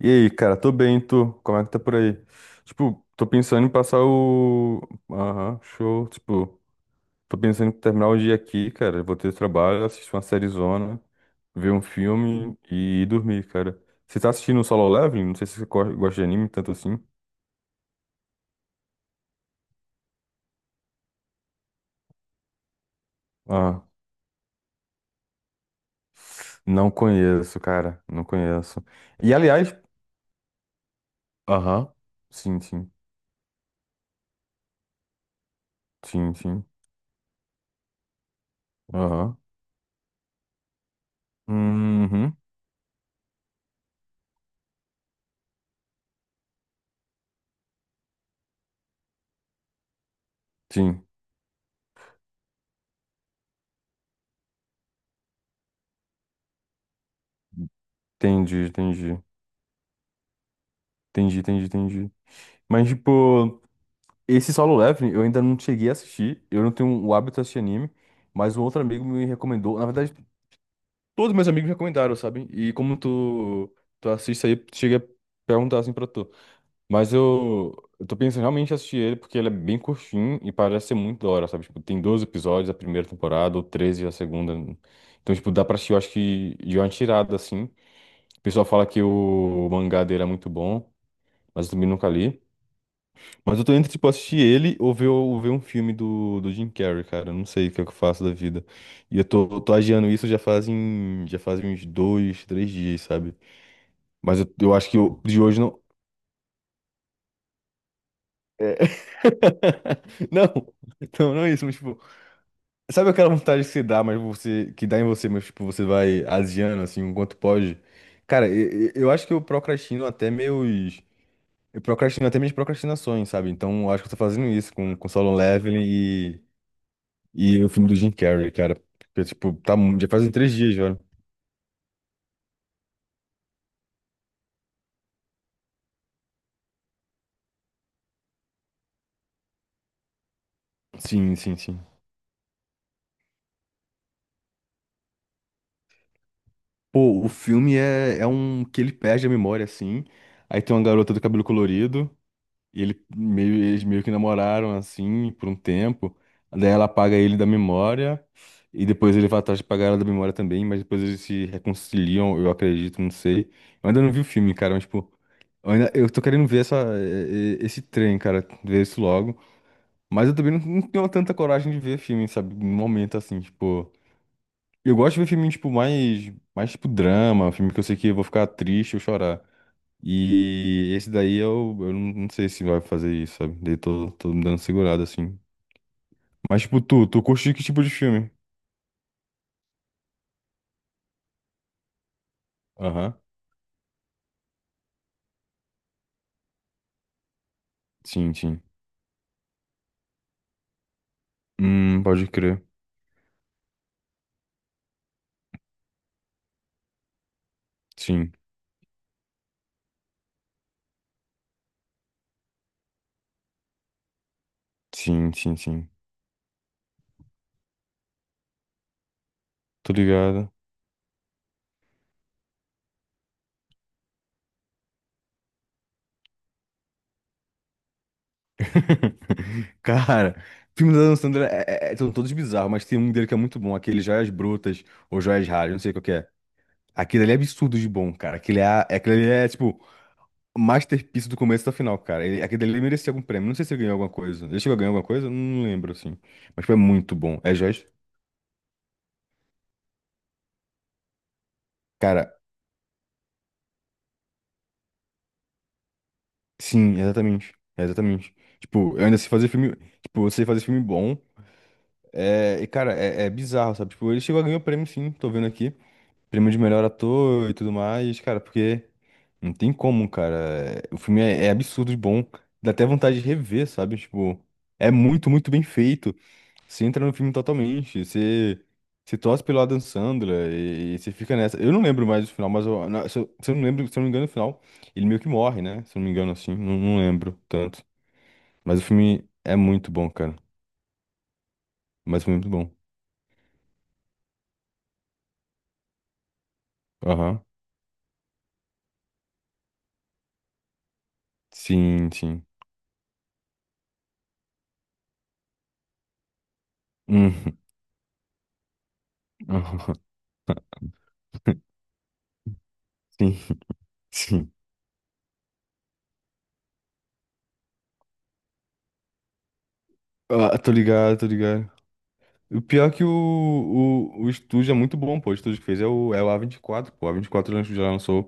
E aí, cara, tô bem, tu? Como é que tá por aí? Tipo, tô pensando em passar o. Aham, show. Tipo, tô pensando em terminar o dia aqui, cara. Vou ter trabalho, assistir uma sériezona, ver um filme e dormir, cara. Você tá assistindo o Solo Leveling? Não sei se gosta de anime tanto assim. Ah, não conheço, cara. Não conheço. E aliás. Aham. Sim, sim. Sim, sim. Aham. Uhum. Sim. Entendi, entendi. Entendi, entendi, entendi. Mas, tipo. Esse Solo Leveling eu ainda não cheguei a assistir. Eu não tenho o hábito de assistir anime, mas um outro amigo me recomendou. Na verdade, todos meus amigos me recomendaram, sabe? E como tu, tu assiste aí, cheguei a perguntar assim pra tu. Mas eu tô pensando realmente em assistir ele porque ele é bem curtinho e parece ser muito da hora, sabe? Tipo, tem 12 episódios a primeira temporada ou 13 a segunda. Então, tipo, dá pra assistir, eu acho que de uma tirada assim. O pessoal fala que o mangá dele é muito bom, mas eu também nunca li. Mas eu tô entre, tipo, assistir ele ou ver um filme do Jim Carrey, cara. Eu não sei o que é que eu faço da vida. E eu tô adiando isso já fazem uns dois, três dias, sabe? Mas eu acho que eu, de hoje não. Não, não, não é isso, mas, tipo, sabe aquela vontade que você dá, mas você, que dá em você, mas, tipo, você vai asiando, assim, o quanto pode? Cara, eu acho que eu procrastino até meus. Eu procrastino até minhas procrastinações, sabe? Então, eu acho que eu tô fazendo isso com Solo Leveling e o filme do Jim Carrey, cara. Porque, tipo, tá, já fazem três dias já. Sim, sim, sim. Pô, o filme é, é um que ele perde a memória, assim. Aí tem uma garota do cabelo colorido. E ele meio, eles meio que namoraram, assim, por um tempo. Daí ela apaga ele da memória. E depois ele vai atrás de pagar ela da memória também. Mas depois eles se reconciliam, eu acredito, não sei. Eu ainda não vi o filme, cara, mas, tipo, eu, ainda, eu tô querendo ver essa, esse trem, cara. Ver isso logo. Mas eu também não, não tenho tanta coragem de ver filme, sabe? No momento, assim, tipo. Eu gosto de ver filme, tipo, mais, mais tipo drama, filme que eu sei que eu vou ficar triste ou chorar. E esse daí eu não não sei se vai fazer isso, sabe? Daí tô, tô me dando segurado, assim. Mas, tipo, tu, tu curte que tipo de filme? Aham. Sim, sim. Pode crer. Sim, sim, sim, sim. Tô ligado. Cara, filmes da Adam Sandler é, são todos bizarros, mas tem um dele que é muito bom, aquele Joias Brutas ou Joias Raras, não sei qual que é. Aquele ali é absurdo de bom, cara. Aquele, é, aquele ali é, tipo, masterpiece do começo ao final, cara. Ele, aquele ali merecia algum prêmio. Não sei se ele ganhou alguma coisa. Ele chegou a ganhar alguma coisa? Não lembro, assim. Mas foi muito bom. É Joyce? Cara, sim, exatamente. Exatamente. Tipo, eu ainda sei fazer filme. Tipo, eu sei fazer filme bom. É, e, cara, é, é bizarro, sabe? Tipo, ele chegou a ganhar o prêmio, sim. Tô vendo aqui. Prêmio de melhor ator e tudo mais, cara, porque não tem como, cara. O filme é, é absurdo de bom. Dá até vontade de rever, sabe? Tipo, é muito, muito bem feito. Você entra no filme totalmente, você, você torce pelo Adam Sandler e você fica nessa. Eu não lembro mais do final, mas eu, se, eu, se eu não lembro, se eu não me engano, no final, ele meio que morre, né? Se eu não me engano, assim, não, não lembro tanto. Mas o filme é muito bom, cara. Mas o filme é muito bom. Aham. Sim, sim. Uhum. Aham. Sim, sim. Ah, tô ligado, tô ligado. O pior é que o estúdio é muito bom, pô. O estúdio que fez é o, é o a vinte e quatro pô. A O A24 já lançou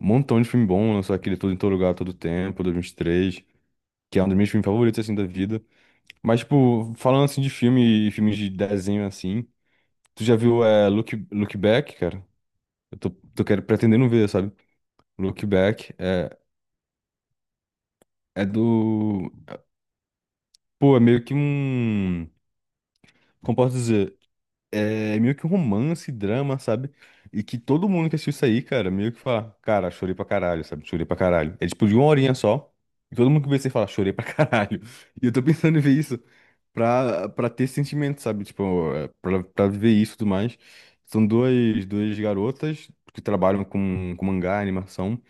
um montão de filme bom, lançou aquele Tudo em Todo Lugar, Todo Tempo, 2023, que é um dos meus filmes favoritos, assim, da vida. Mas, tipo, falando, assim, de filme e filmes de desenho, assim, tu já viu é, Look Back, cara? Eu tô, tô querendo, pretendendo ver, sabe? Look Back é, é do... Pô, é meio que um... Como posso dizer? É meio que um romance, drama, sabe? E que todo mundo que assistiu isso aí, cara, meio que fala, cara, chorei pra caralho, sabe? Chorei pra caralho. É tipo de uma horinha só. E todo mundo que vê isso aí fala, chorei pra caralho. E eu tô pensando em ver isso pra, pra ter esse sentimento, sabe? Tipo, é, pra, pra viver isso e tudo mais. São duas, duas garotas que trabalham com mangá, animação.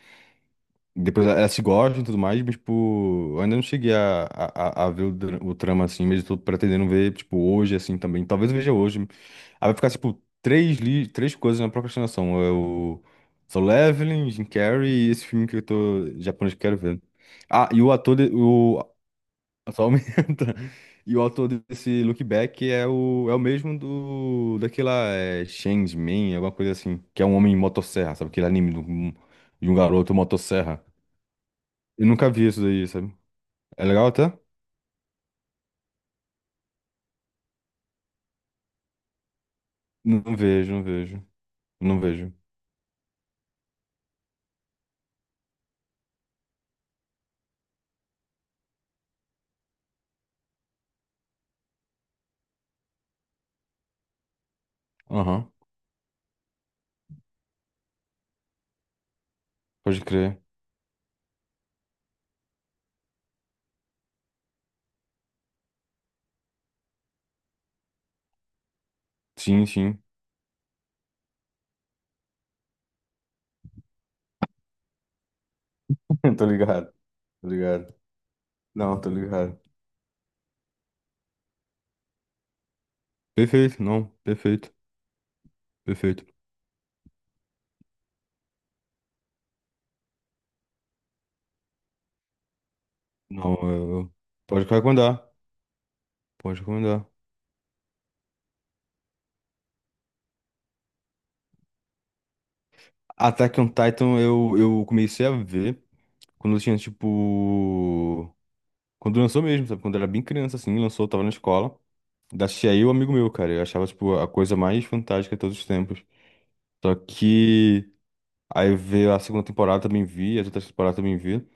Depois elas se gostam e tudo mais, mas, tipo, eu ainda não cheguei a ver o, o trama assim, mas eu tô pretendendo ver, tipo, hoje, assim, também. Talvez eu veja hoje. Aí vai ficar, tipo, três, li três coisas na procrastinação. É o Solo Leveling, Jim Carrey e esse filme que eu tô japonês que eu quero ver. Ah, e o ator de, o só aumenta. E o ator desse Look Back é o mesmo do daquela é, Man, alguma coisa assim, que é um homem em motosserra, sabe? Aquele de um garoto motosserra. Eu nunca vi isso daí, sabe? É legal até? Não vejo, não vejo. Não vejo. Aham, pode crer. Sim, sim. Tô ligado, tô ligado. Não, tô ligado. Perfeito, não, perfeito, perfeito. Não, eu... Pode recomendar, pode recomendar. Attack on Titan eu comecei a ver quando eu tinha, tipo... Quando lançou mesmo, sabe? Quando eu era bem criança, assim, lançou, eu tava na escola. Da aí o amigo meu, cara. Eu achava, tipo, a coisa mais fantástica de todos os tempos. Só que... Aí veio a segunda temporada, também vi, as outras temporadas também vi.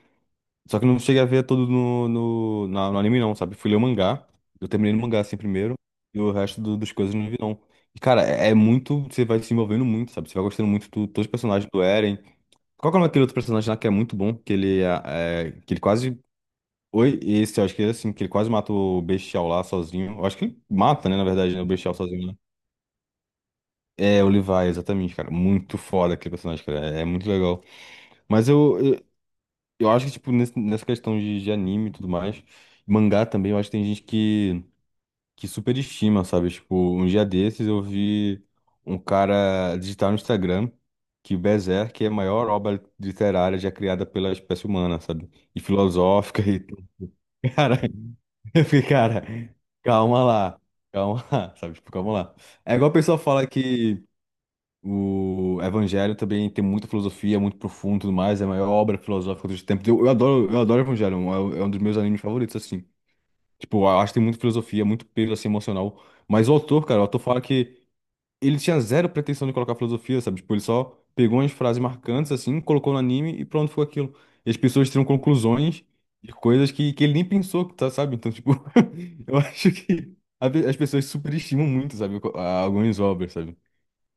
Só que eu não cheguei a ver todo no anime, não, sabe? Fui ler o mangá. Eu terminei no mangá assim primeiro. E o resto das coisas eu não vi, não. E, cara, é, é muito. Você vai se envolvendo muito, sabe? Você vai gostando muito do, todos os personagens do Eren. Qual que é o nome daquele outro personagem lá que é muito bom? Que ele é, que ele quase. Oi, esse, eu acho que ele assim, que ele quase mata o Bestial lá sozinho. Eu acho que ele mata, né, na verdade, né, o Bestial sozinho, né? É, o Levi, exatamente, cara. Muito foda aquele personagem, cara. É, é muito legal. Mas eu acho que, tipo, nessa questão de anime e tudo mais, mangá também, eu acho que tem gente que superestima, sabe? Tipo, um dia desses eu vi um cara digitar no Instagram que Berserk é a maior obra literária já criada pela espécie humana, sabe? E filosófica e... Cara, eu fiquei, cara, calma lá, calma lá, sabe? Tipo, calma lá. É igual a pessoa fala que o Evangelho também tem muita filosofia, muito profundo e tudo mais. É a maior obra filosófica dos tempos. Eu adoro Evangelho, é, é um dos meus animes favoritos, assim. Tipo, eu acho que tem muita filosofia, muito peso, assim, emocional. Mas o autor, cara, o autor fala que ele tinha zero pretensão de colocar filosofia, sabe? Tipo, ele só pegou umas frases marcantes, assim, colocou no anime e pronto, foi aquilo. E as pessoas tiram conclusões de coisas que ele nem pensou, tá, sabe? Então, tipo, eu acho que as pessoas superestimam muito, sabe? Algumas obras, sabe?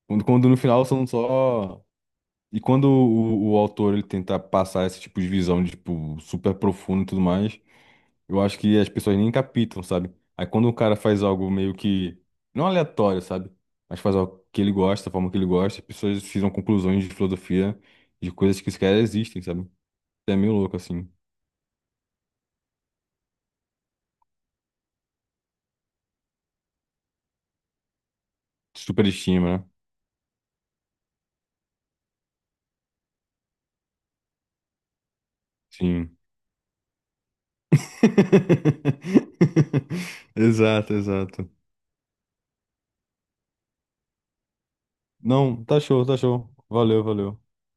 Quando, quando no final são só e quando o autor ele tenta passar esse tipo de visão de tipo super profundo e tudo mais, eu acho que as pessoas nem captam, sabe? Aí quando o cara faz algo meio que não aleatório, sabe? Mas faz algo que ele gosta, da forma que ele gosta, as pessoas tiram conclusões de filosofia de coisas que sequer existem, sabe? É meio louco assim. Superestima, né? Sim. Exato, exato. Não, tá show, tá show. Valeu, valeu.